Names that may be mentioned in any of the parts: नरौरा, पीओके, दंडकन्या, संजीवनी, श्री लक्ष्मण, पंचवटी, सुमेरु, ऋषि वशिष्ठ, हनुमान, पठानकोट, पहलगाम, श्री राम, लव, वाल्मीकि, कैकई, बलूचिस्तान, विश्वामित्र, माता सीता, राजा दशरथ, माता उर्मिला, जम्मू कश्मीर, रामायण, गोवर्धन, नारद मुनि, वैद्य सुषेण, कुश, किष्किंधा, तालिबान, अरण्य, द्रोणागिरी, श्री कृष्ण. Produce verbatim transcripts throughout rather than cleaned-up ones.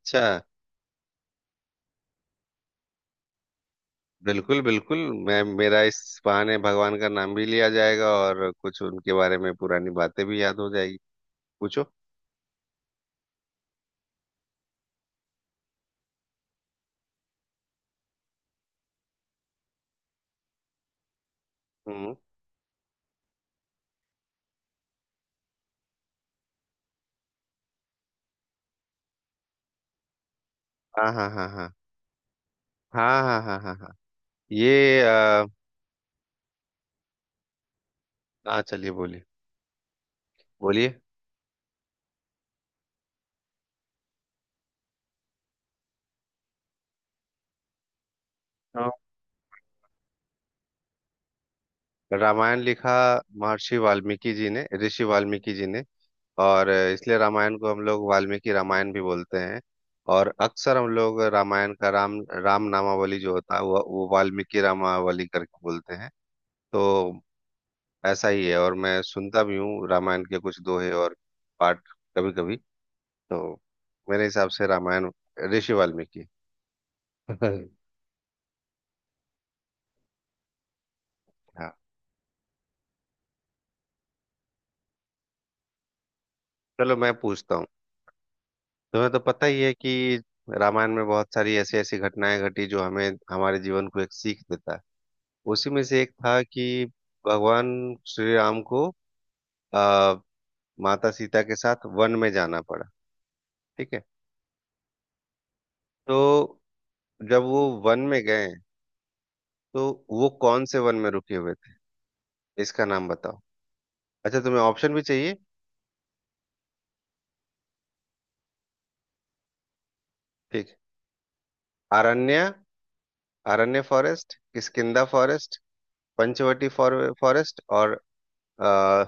अच्छा। बिल्कुल बिल्कुल। मैं मेरा इस बहाने भगवान का नाम भी लिया जाएगा और कुछ उनके बारे में पुरानी बातें भी याद हो जाएगी। पूछो। हम्म। हाँ हाँ हाँ हाँ। हाँ हाँ हाँ हाँ हाँ। ये अ, हाँ, चलिए बोलिए। बोलिए। हाँ, रामायण लिखा महर्षि वाल्मीकि जी ने, ऋषि वाल्मीकि जी ने। और इसलिए रामायण को हम लोग वाल्मीकि रामायण भी बोलते हैं। और अक्सर हम लोग रामायण का राम राम नामावली जो होता है वो, वो वाल्मीकि रामावली करके बोलते हैं। तो ऐसा ही है। और मैं सुनता भी हूँ रामायण के कुछ दोहे और पाठ कभी कभी। तो मेरे हिसाब से रामायण ऋषि हाँ, चलो मैं पूछता हूँ। तुम्हें तो पता ही है कि रामायण में बहुत सारी ऐसी ऐसी घटनाएं घटी जो हमें हमारे जीवन को एक सीख देता है। उसी में से एक था कि भगवान श्री राम को आ, माता सीता के साथ वन में जाना पड़ा। ठीक है। तो जब वो वन में गए तो वो कौन से वन में रुके हुए थे, इसका नाम बताओ। अच्छा, तुम्हें ऑप्शन भी चाहिए। ठीक। अरण्य, अरण्य forest, किष्किंधा forest, पंचवटी forest और अ,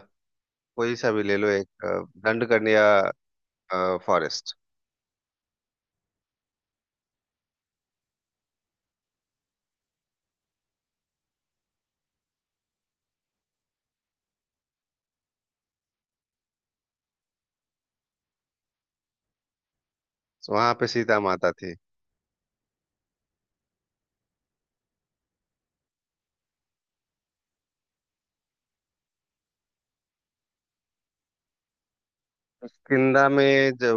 कोई सा भी ले लो एक, अ, दंडकन्या फॉरेस्ट। वहां पे सीता माता थी। किष्किंधा में जब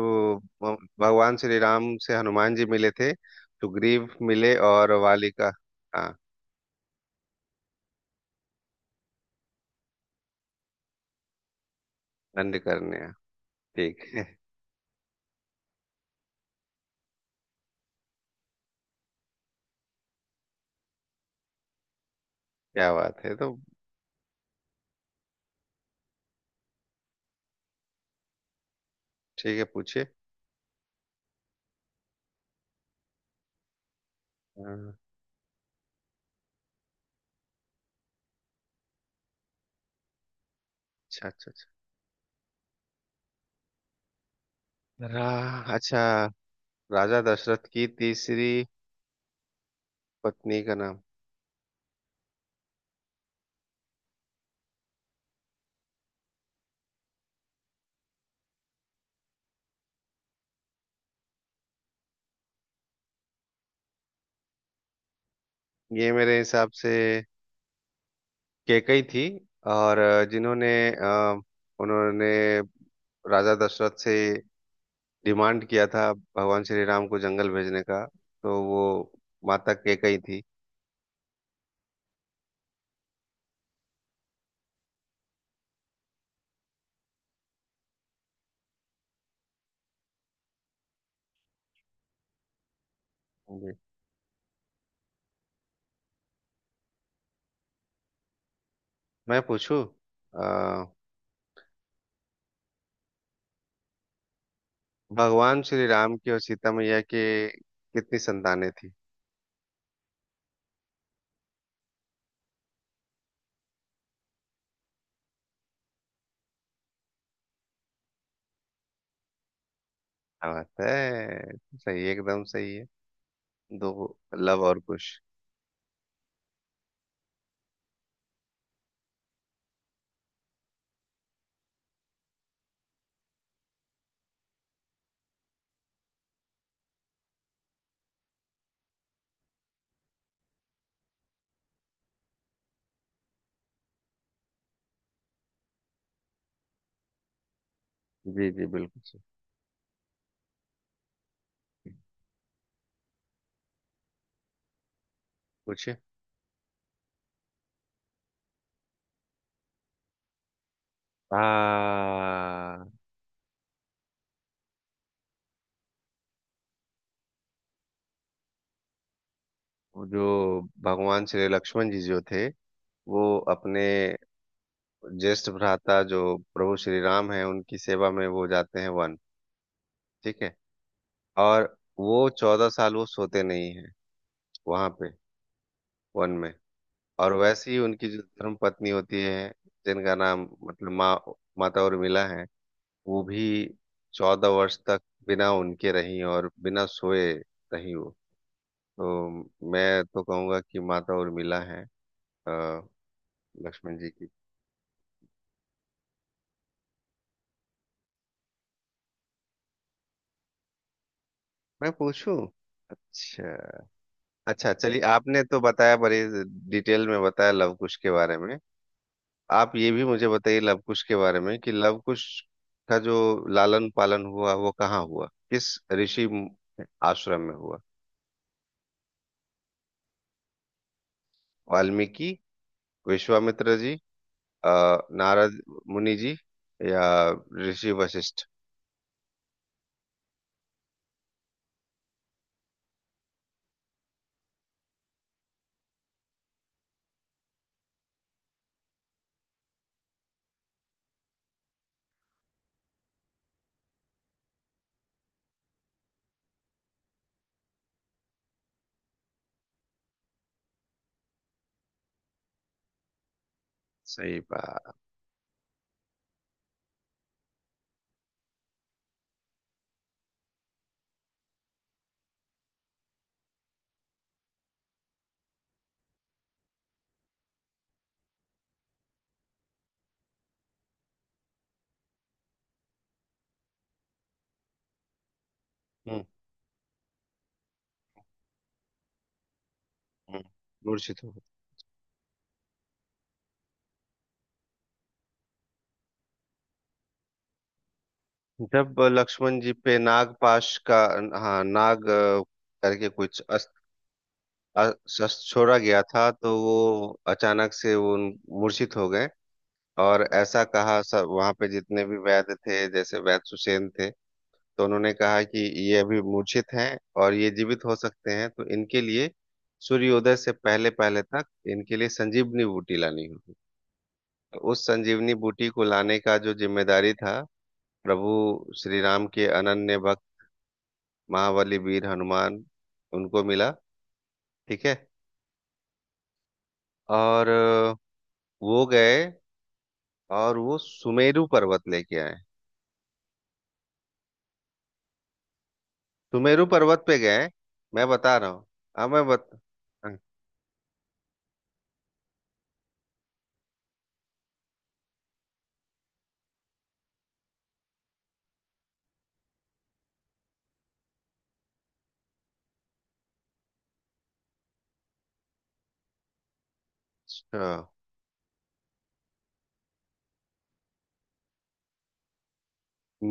वो भगवान श्री राम से हनुमान जी मिले थे, तो ग्रीव मिले और। हाँ। दंडकन्या। ठीक है। क्या बात है। तो ठीक है, पूछिए। अच्छा। अच्छा। अच्छा रा- अच्छा, राजा दशरथ की तीसरी पत्नी का, ये मेरे हिसाब से कैकई थी। और अ, जिन्होंने अ, उन्होंने राजा दशरथ से डिमांड किया था भगवान श्री राम को जंगल भेजने का, तो वो माता होंगी। मैं पूछूं। अ, भगवान श्री राम की और सीता मैया के कितनी संतानें थी। क्या बात है, सही एकदम सही है। दो, लव और कुश। जी जी बिल्कुल। आ, जो भगवान श्री लक्ष्मण जी जो थे, वो अपने ज्येष्ठ भ्राता जो प्रभु श्री राम है उनकी सेवा में वो जाते हैं वन। ठीक है। और वो चौदह साल वो सोते नहीं है वहां पे, वन में। और वैसे ही उनकी जो पत्नी होती है जिनका नाम मतलब माँ, माता उर्मिला है, वो भी चौदह वर्ष तक बिना उनके रही और बिना सोए रही वो। तो मैं तो कहूंगा कि माता उर्मिला है। अ, मैं पूछूं। अच्छा, चलिए। आपने तो बताया बड़ी डिटेल में बताया लव कुश के बारे में। आप ये भी मुझे बताइए लव कुश के बारे में कि लव कुश का जो लालन पालन हुआ वो कहाँ हुआ, किस ऋषि आश्रम में हुआ। वाल्मीकि, विश्वामित्र जी, अ, नारद मुनि जी, या ऋषि वशिष्ठ। सही बात। हम्म। जब लक्ष्मण जी पे पाश का, हाँ नाग, अ, करके कुछ अ- शस्त्र छोड़ा गया था, तो वो अचानक से वो मूर्छित हो गए। और ऐसा कहा सब वहां पे जितने भी वैद्य थे, जैसे वैद्य सुषेण थे, तो उन्होंने कहा कि ये अभी मूर्छित हैं और ये जीवित हो सकते हैं, तो इनके लिए सूर्योदय से पहले पहले तक इनके लिए संजीवनी बूटी लानी होगी। तो उस संजीवनी बूटी को लाने का जो जिम्मेदारी था, प्रभु श्री राम के अनन्य भक्त महाबली वीर हनुमान उनको मिला। ठीक है। और अ, वो गए और वो सुमेरु पर्वत लेके आए। सुमेरु पर्वत पे गए। मैं बता। हाँ मैं बता।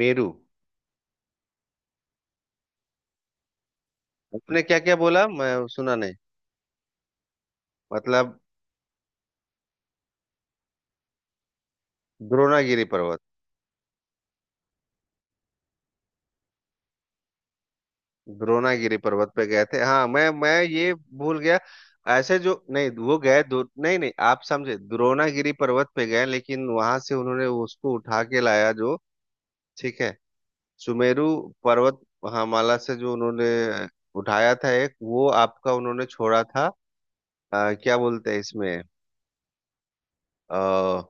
मेरू। क्या क्या बोला, मैं सुना नहीं। मतलब द्रोणागिरी पर्वत। द्रोणागिरी पर्वत। हाँ मैं मैं ये ऐसे जो नहीं वो गए दो। आप समझे, द्रोणागिरी पर्वत पे गए लेकिन वहां से उन्होंने उसको उठा के लाया जो, ठीक है, सुमेरु पर्वत माला से जो उन्होंने उठाया था एक, वो आपका उन्होंने छोड़ा था। अ, क्या बोलते हैं इसमें, अ,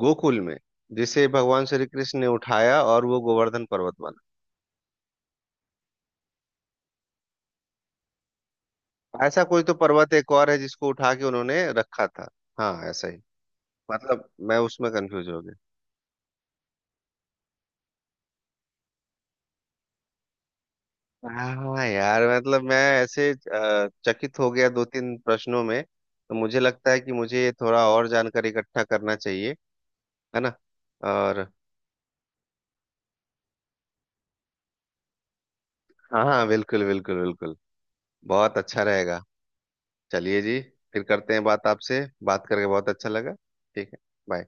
गोकुल में जिसे भगवान श्री कृष्ण ने उठाया और वो गोवर्धन पर्वत बना। तो पर्वत एक और है जिसको उठा के उन्होंने रखा था। हाँ ऐसा ही। मत- मैं उसमें कंफ्यूज। यार मतलब मैं ऐसे अ, चकित हो गया दो तीन प्रश्नों में, तो मुझे लगता है कि मुझे ये थोड़ा और जानना चाहिए। है ना। और, हाँ हाँ बिल्कुल बिल्कुल बिल्कुल। बहुत अच्छा रहेगा। चलिए जी, फिर करते हैं बात आपसे। बात करके बहुत अच्छा लगा। बाय।